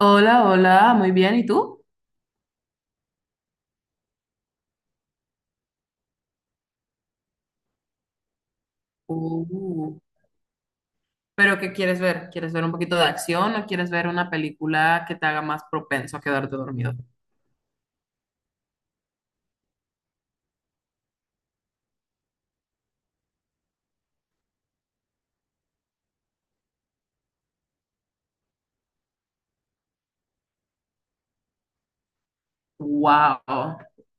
Hola, hola, muy bien, ¿y tú? Uh, ¿Pero qué quieres ver? ¿Quieres ver un poquito de acción o quieres ver una película que te haga más propenso a quedarte dormido? Wow,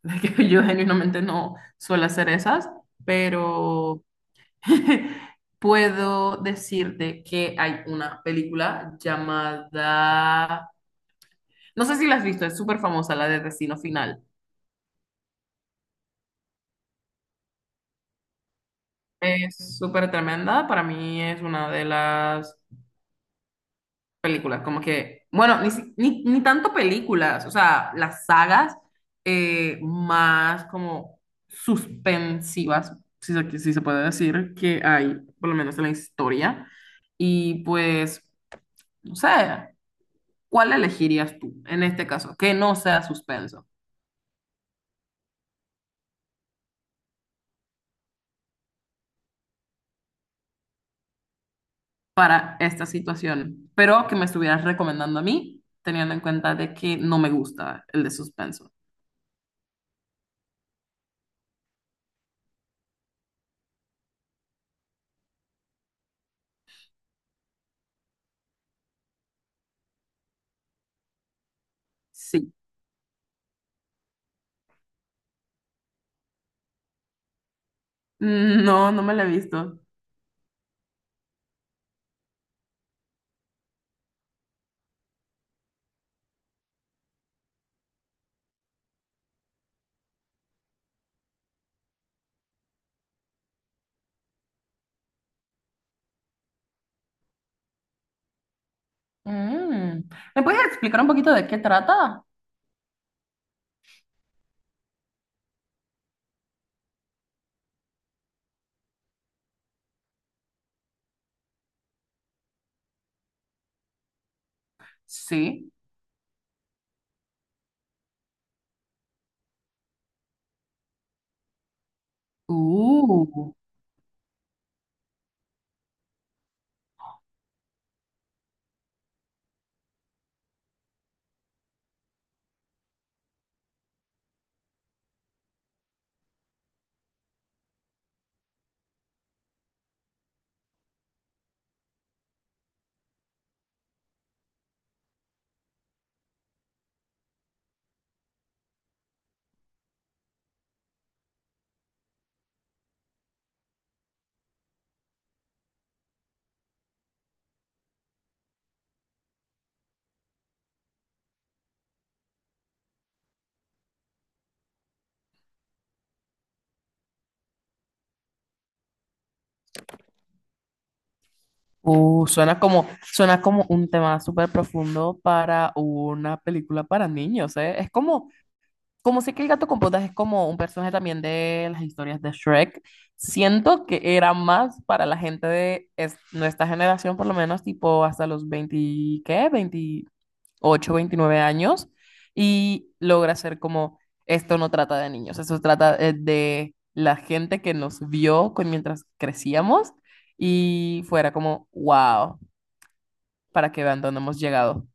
que yo genuinamente no suelo hacer esas, pero puedo decirte que hay una película llamada, no sé si la has visto, es súper famosa, la de Destino Final. Es súper tremenda, para mí es una de las películas, como que, bueno, ni, si- ni, ni tanto películas, o sea, las sagas más como suspensivas, si se puede decir, que hay, por lo menos en la historia. Y pues, no sé, ¿cuál elegirías tú en este caso? Que no sea suspenso para esta situación, pero que me estuvieras recomendando a mí, teniendo en cuenta de que no me gusta el de suspenso. Sí. No, no me la he visto. Mm. ¿Me puedes explicar un poquito de qué trata? Sí. Uh. Suena como un tema súper profundo para una película para niños, ¿eh? Es como, como sé que el gato con botas es como un personaje también de las historias de Shrek. Siento que era más para la gente de nuestra generación, por lo menos, tipo hasta los 20, ¿qué? 20, 28, 29 años y logra ser como, esto no trata de niños, eso trata de la gente que nos vio con, mientras crecíamos y fuera como, wow, para que vean dónde hemos llegado.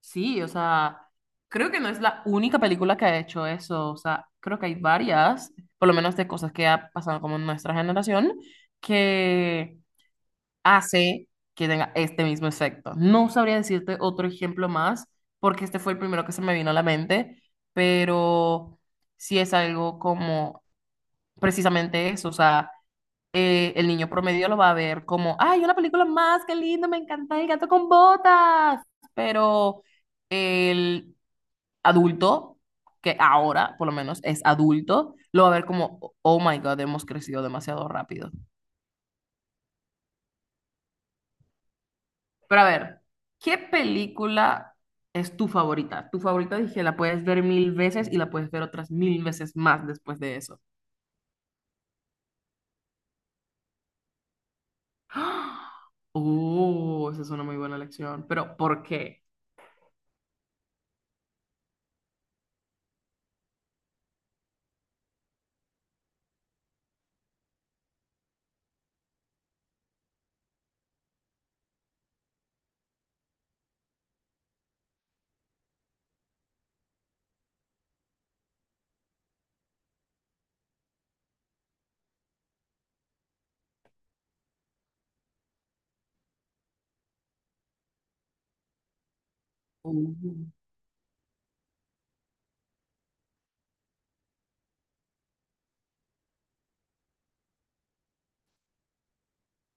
Sí, o sea, creo que no es la única película que ha hecho eso, o sea, creo que hay varias, por lo menos de cosas que ha pasado como en nuestra generación, que hace que tenga este mismo efecto. No sabría decirte otro ejemplo más, porque este fue el primero que se me vino a la mente, pero sí es algo como precisamente eso, o sea, el niño promedio lo va a ver como, ¡ay, una película más, qué lindo, me encanta el gato con botas! Pero el adulto, que ahora por lo menos es adulto, lo va a ver como, oh my God, hemos crecido demasiado rápido. Pero a ver, ¿qué película es tu favorita? Tu favorita, dije, la puedes ver mil veces y la puedes ver otras mil veces más después de eso. ¡Ah! Oh, esa es una muy buena elección. Pero, ¿por qué?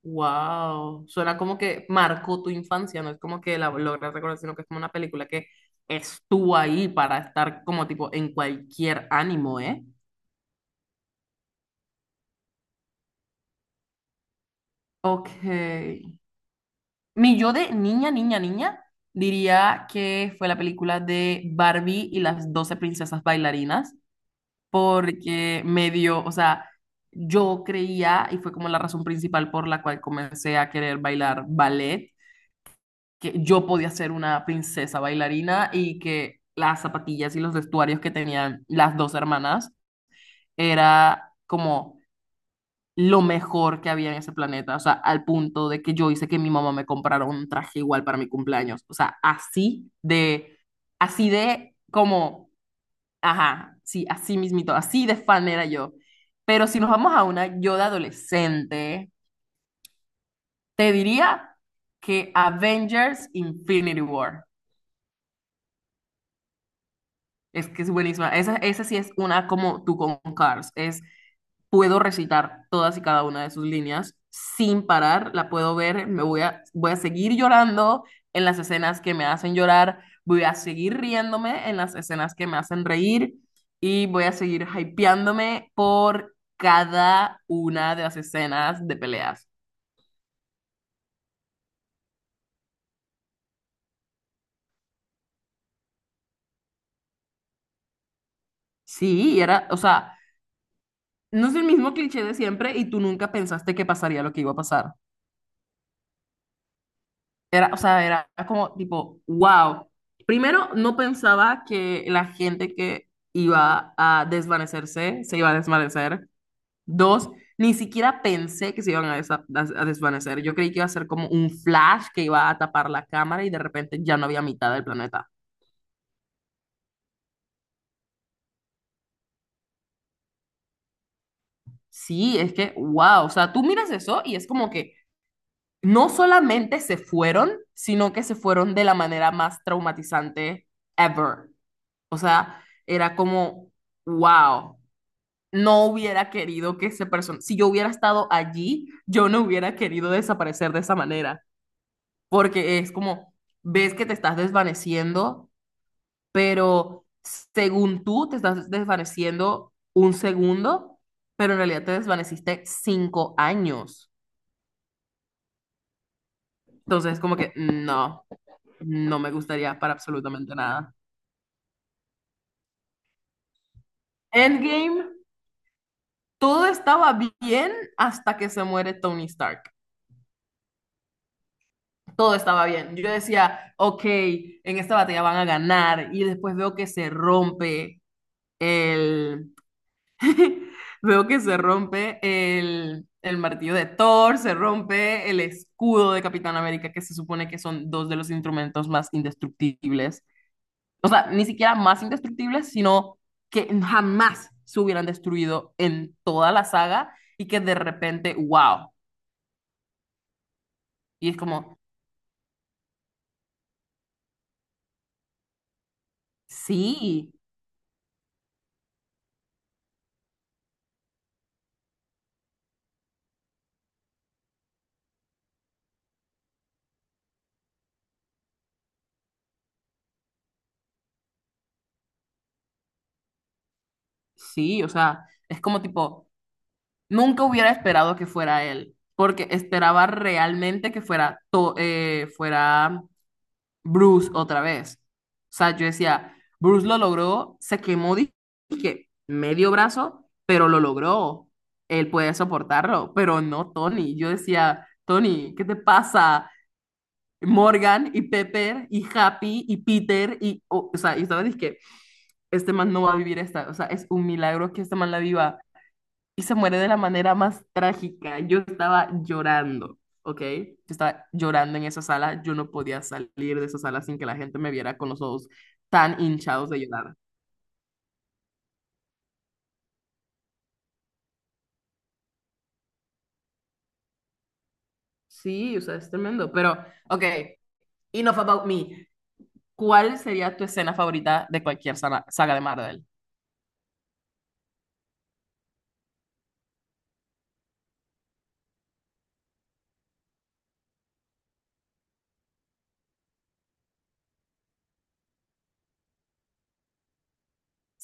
Wow. Suena como que marcó tu infancia, no es como que la logras recordar, sino que es como una película que estuvo ahí para estar como tipo en cualquier ánimo, ¿eh? Ok. Mi yo de niña, niña, niña, diría que fue la película de Barbie y las 12 princesas bailarinas, porque me dio, o sea, yo creía, y fue como la razón principal por la cual comencé a querer bailar ballet, que yo podía ser una princesa bailarina y que las zapatillas y los vestuarios que tenían las dos hermanas era como lo mejor que había en ese planeta, o sea, al punto de que yo hice que mi mamá me comprara un traje igual para mi cumpleaños, o sea, así de como, ajá, sí, así mismito, así de fan era yo. Pero si nos vamos a una yo de adolescente, te diría que Avengers Infinity War. Es que es buenísima. Esa sí es una como tú con Cars. Es, puedo recitar todas y cada una de sus líneas sin parar, la puedo ver, voy a seguir llorando en las escenas que me hacen llorar, voy a seguir riéndome en las escenas que me hacen reír y voy a seguir hypeándome por cada una de las escenas de peleas. Sí, y era, o sea, no es el mismo cliché de siempre y tú nunca pensaste que pasaría lo que iba a pasar. Era, o sea, era como tipo, wow. Primero, no pensaba que la gente que iba a desvanecerse se iba a desvanecer. Dos, ni siquiera pensé que se iban a desvanecer. Yo creí que iba a ser como un flash que iba a tapar la cámara y de repente ya no había mitad del planeta. Sí, es que, wow. O sea, tú miras eso y es como que no solamente se fueron, sino que se fueron de la manera más traumatizante ever. O sea, era como, wow. No hubiera querido que ese persona, si yo hubiera estado allí, yo no hubiera querido desaparecer de esa manera, porque es como, ves que te estás desvaneciendo, pero según tú te estás desvaneciendo un segundo, pero en realidad te desvaneciste 5 años. Entonces, como que no, no me gustaría para absolutamente nada. Endgame, todo estaba bien hasta que se muere Tony Stark. Todo estaba bien. Yo decía, ok, en esta batalla van a ganar y después veo que se rompe el... Veo que se rompe el martillo de Thor, se rompe el escudo de Capitán América, que se supone que son dos de los instrumentos más indestructibles. O sea, ni siquiera más indestructibles, sino que jamás se hubieran destruido en toda la saga y que de repente, wow. Y es como, sí, sí, o sea, es como tipo... Nunca hubiera esperado que fuera él, porque esperaba realmente que fuera Bruce otra vez. O sea, yo decía, Bruce lo logró, se quemó, dije, medio brazo, pero lo logró. Él puede soportarlo, pero no Tony. Yo decía, Tony, ¿qué te pasa? Morgan y Pepper y Happy y Peter y, o sea, y estaba, dije, este man no va a vivir esta, o sea, es un milagro que este man la viva y se muere de la manera más trágica. Yo estaba llorando, ¿ok? Yo estaba llorando en esa sala. Yo no podía salir de esa sala sin que la gente me viera con los ojos tan hinchados de llorar. Sí, o sea, es tremendo. Pero, ok, enough about me. ¿Cuál sería tu escena favorita de cualquier saga de Marvel?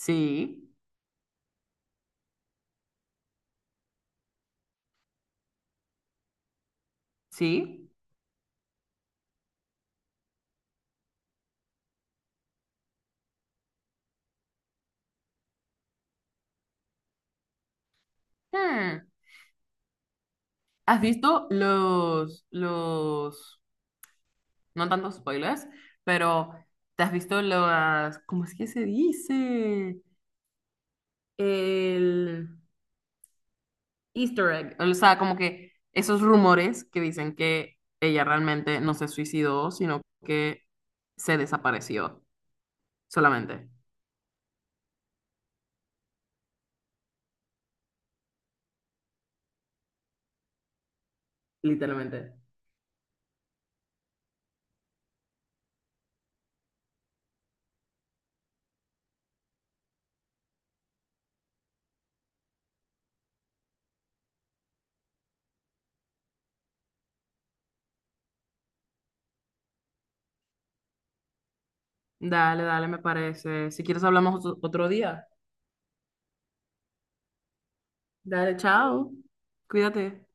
Sí, sí. Hmm. ¿Has visto los, no tantos spoilers, pero te has visto las, ¿cómo es que se dice? El Easter egg, o sea, como que esos rumores que dicen que ella realmente no se suicidó, sino que se desapareció solamente, literalmente. Dale, dale, me parece. Si quieres hablamos otro día. Dale, chao. Cuídate.